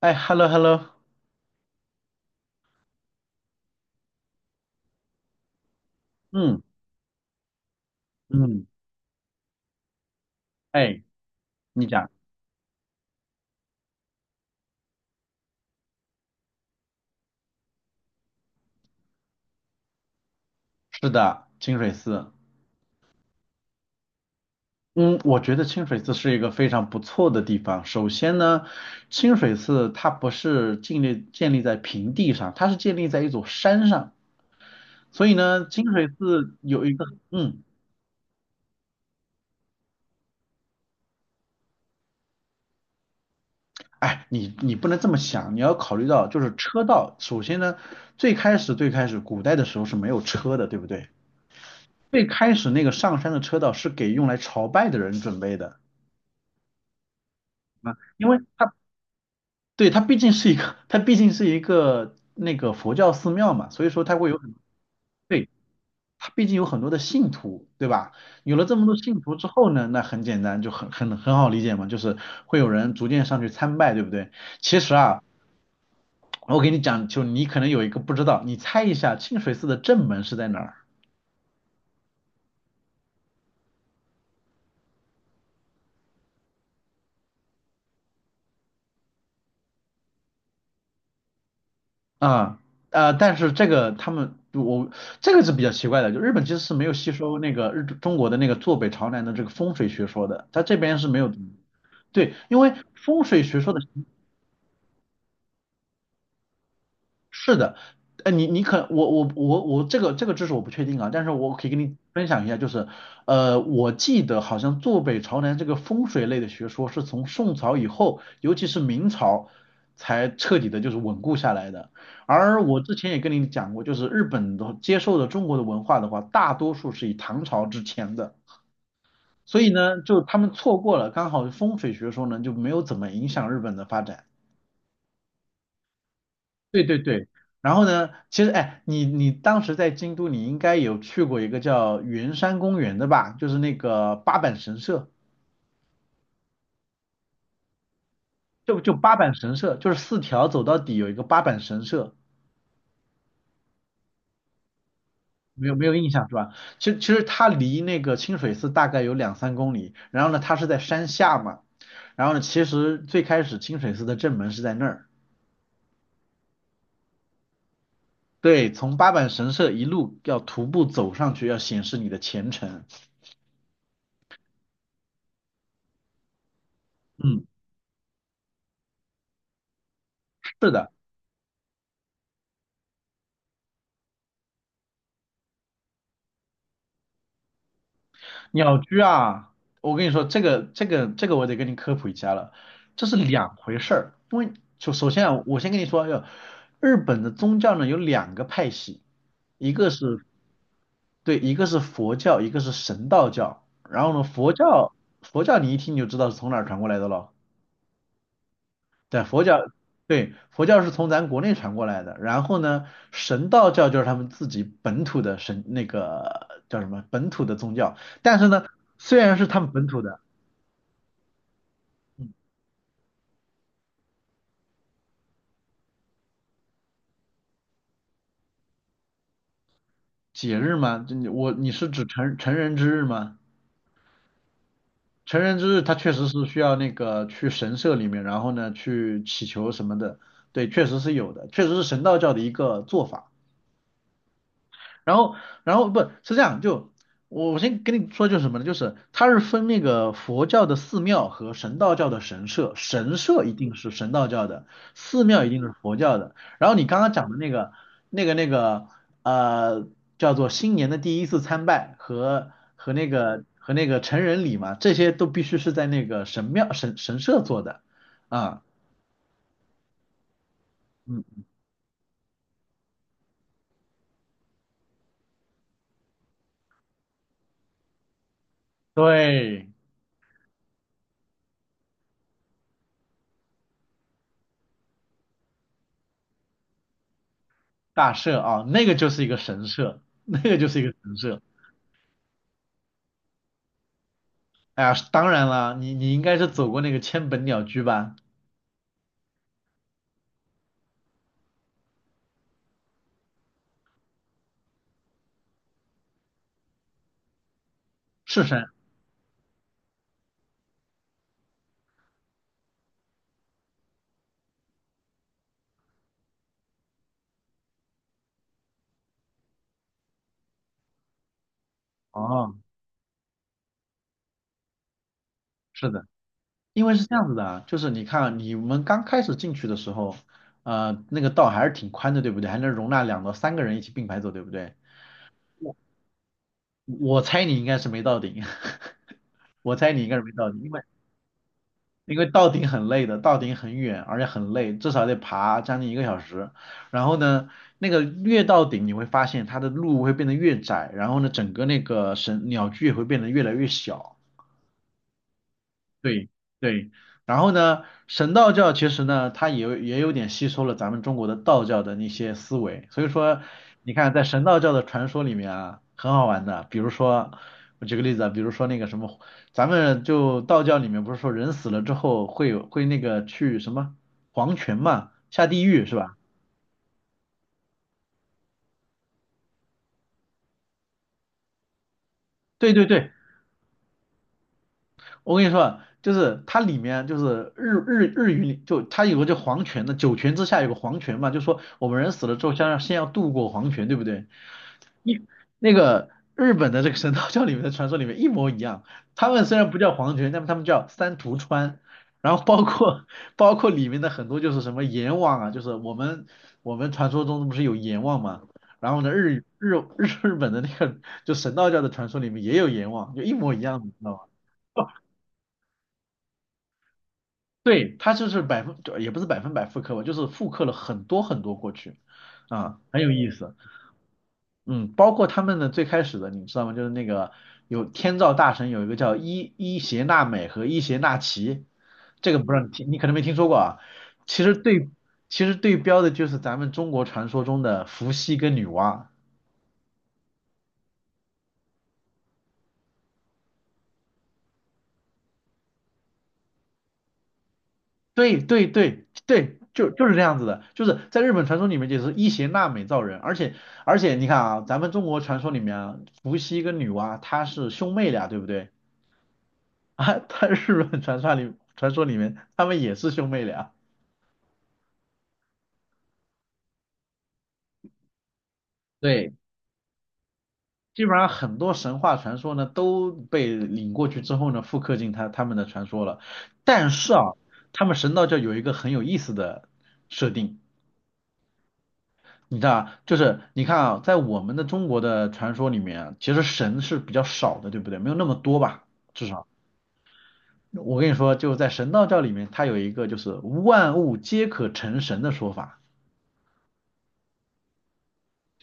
哎，hello hello，嗯嗯，哎，你讲，是的，清水寺，嗯，我觉得清水寺是一个非常不错的地方。首先呢，清水寺它不是建立在平地上，它是建立在一座山上，所以呢，清水寺有一个，嗯，哎，你不能这么想，你要考虑到就是车道。首先呢，最开始古代的时候是没有车的，对不对？最开始那个上山的车道是给用来朝拜的人准备的。啊，因为它对，它毕竟是一个，它毕竟是一个那个佛教寺庙嘛，所以说它会有很，对，它毕竟有很多的信徒，对吧？有了这么多信徒之后呢，那很简单，就很好理解嘛，就是会有人逐渐上去参拜，对不对？其实啊，我给你讲，就你可能有一个不知道，你猜一下清水寺的正门是在哪儿？啊，但是这个他们我这个是比较奇怪的，就日本其实是没有吸收那个日中国的那个坐北朝南的这个风水学说的，它这边是没有的，对，因为风水学说的，是的，你你可我这个知识我不确定啊，但是我可以跟你分享一下，就是我记得好像坐北朝南这个风水类的学说是从宋朝以后，尤其是明朝才彻底的就是稳固下来的。而我之前也跟你讲过，就是日本的接受的中国的文化的话，大多数是以唐朝之前的，所以呢，就他们错过了，刚好风水学说呢就没有怎么影响日本的发展。对对对，然后呢，其实哎，你当时在京都，你应该有去过一个叫圆山公园的吧？就是那个八坂神社，就八坂神社，就是四条走到底有一个八坂神社，没有没有印象是吧？其实它离那个清水寺大概有2、3公里，然后呢，它是在山下嘛，然后呢，其实最开始清水寺的正门是在那儿，对，从八坂神社一路要徒步走上去，要显示你的虔诚，嗯。是的。鸟居啊，我跟你说，这个我得跟你科普一下了，这是两回事儿。因为首先啊，我先跟你说，要日本的宗教呢有两个派系，一个是对，一个是佛教，一个是神道教。然后呢，佛教你一听你就知道是从哪儿传过来的咯。对，佛教对佛教是从咱国内传过来的。然后呢，神道教就是他们自己本土的神那个叫什么本土的宗教，但是呢，虽然是他们本土的。嗯节日吗？这你我你是指成人之日吗？成人之日，他确实是需要那个去神社里面，然后呢去祈求什么的，对，确实是有的，确实是神道教的一个做法。然后，不是这样，就我先跟你说就是什么呢？就是它是分那个佛教的寺庙和神道教的神社，神社一定是神道教的，寺庙一定是佛教的。然后你刚刚讲的那个那个那个呃，叫做新年的第一次参拜和和那个和那个成人礼嘛，这些都必须是在那个神庙神社做的啊，嗯，对，大社啊，那个就是一个神社，那个就是一个神社。哎呀，当然了，你应该是走过那个千本鸟居吧？是山。哦，是的，因为是这样子的啊，就是你看啊你们刚开始进去的时候，那个道还是挺宽的，对不对？还能容纳2到3个人一起并排走，对不对？我我猜你应该是没到顶，我猜你应该是没到顶，因为到顶很累的，到顶很远，而且很累，至少得爬将近一个小时。然后呢，那个越到顶，你会发现它的路会变得越窄，然后呢，整个那个神鸟居也会变得越来越小。对对，然后呢，神道教其实呢，它也有点吸收了咱们中国的道教的那些思维，所以说，你看在神道教的传说里面啊，很好玩的，比如说，我举个例子啊，比如说那个什么，咱们就道教里面不是说人死了之后会有会那个去什么黄泉嘛，下地狱是吧？对对对，我跟你说啊，就是它里面就是日语里就它有个叫黄泉的，九泉之下有个黄泉嘛，就说我们人死了之后，先要渡过黄泉，对不对？一那个日本的这个神道教里面的传说里面一模一样，他们虽然不叫黄泉，但他们叫三途川，然后包括里面的很多就是什么阎王啊，就是我们传说中不是有阎王嘛，然后呢日本的那个就神道教的传说里面也有阎王，就一模一样，你知道吗？对，他就是也不是百分百复刻吧，就是复刻了很多很多过去，啊，很有意思。嗯，包括他们的最开始的，你知道吗？就是那个有天照大神有一个叫伊邪那美和伊邪那岐，这个不知道你听，你可能没听说过啊。其实对，其实对标的就是咱们中国传说中的伏羲跟女娲。对对对对，就是这样子的，就是在日本传说里面就是伊邪那美造人，而且你看啊，咱们中国传说里面啊，伏羲跟女娲她是兄妹俩，对不对？啊，他日本传说里面他们也是兄妹俩。对，基本上很多神话传说呢都被领过去之后呢，复刻进他们的传说了。但是啊，他们神道教有一个很有意思的设定，你知道啊，就是你看啊，在我们的中国的传说里面啊，其实神是比较少的，对不对？没有那么多吧，至少我跟你说，就在神道教里面，它有一个就是万物皆可成神的说法，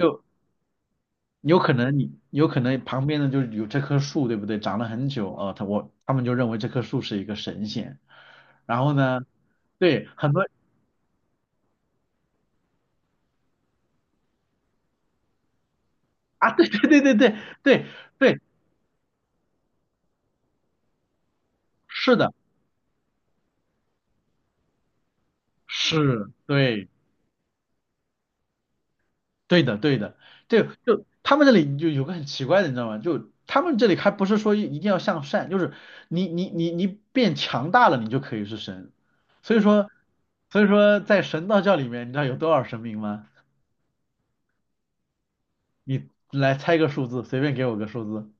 就有可能你有可能旁边的就是有这棵树，对不对？长了很久啊，他们就认为这棵树是一个神仙，然后呢，对，很多啊，对对对对对对对，是的，是，对。对的，对的，对，就他们这里就有个很奇怪的，你知道吗？就他们这里还不是说一定要向善，就是你变强大了，你就可以是神。所以说，在神道教里面，你知道有多少神明吗？你来猜个数字，随便给我个数字。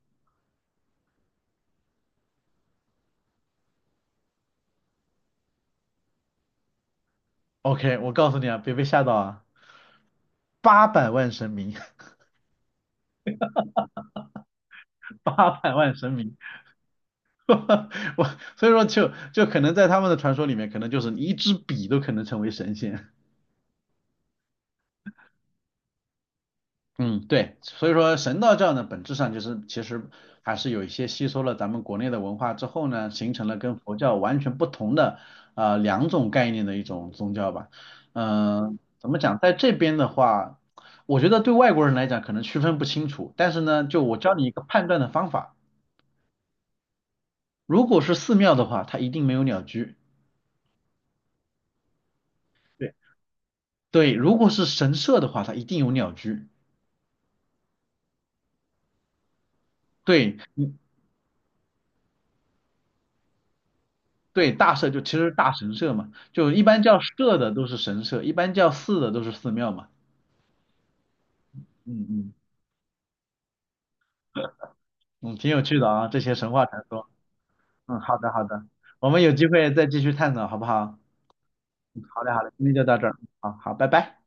OK，我告诉你啊，别被吓到啊，八百万神明，八百万神明，我所以说就可能在他们的传说里面，可能就是你一支笔都可能成为神仙。嗯，对，所以说神道教呢，本质上就是其实还是有一些吸收了咱们国内的文化之后呢，形成了跟佛教完全不同的两种概念的一种宗教吧。嗯、怎么讲，在这边的话，我觉得对外国人来讲可能区分不清楚，但是呢，就我教你一个判断的方法，如果是寺庙的话，它一定没有鸟居。对，对，如果是神社的话，它一定有鸟居。对，对，大社就其实大神社嘛，就一般叫社的都是神社，一般叫寺的都是寺庙嘛。嗯嗯嗯，挺有趣的啊，这些神话传说。嗯，好的好的，我们有机会再继续探讨，好不好？嗯，好嘞好嘞，今天就到这儿，嗯好好，拜拜。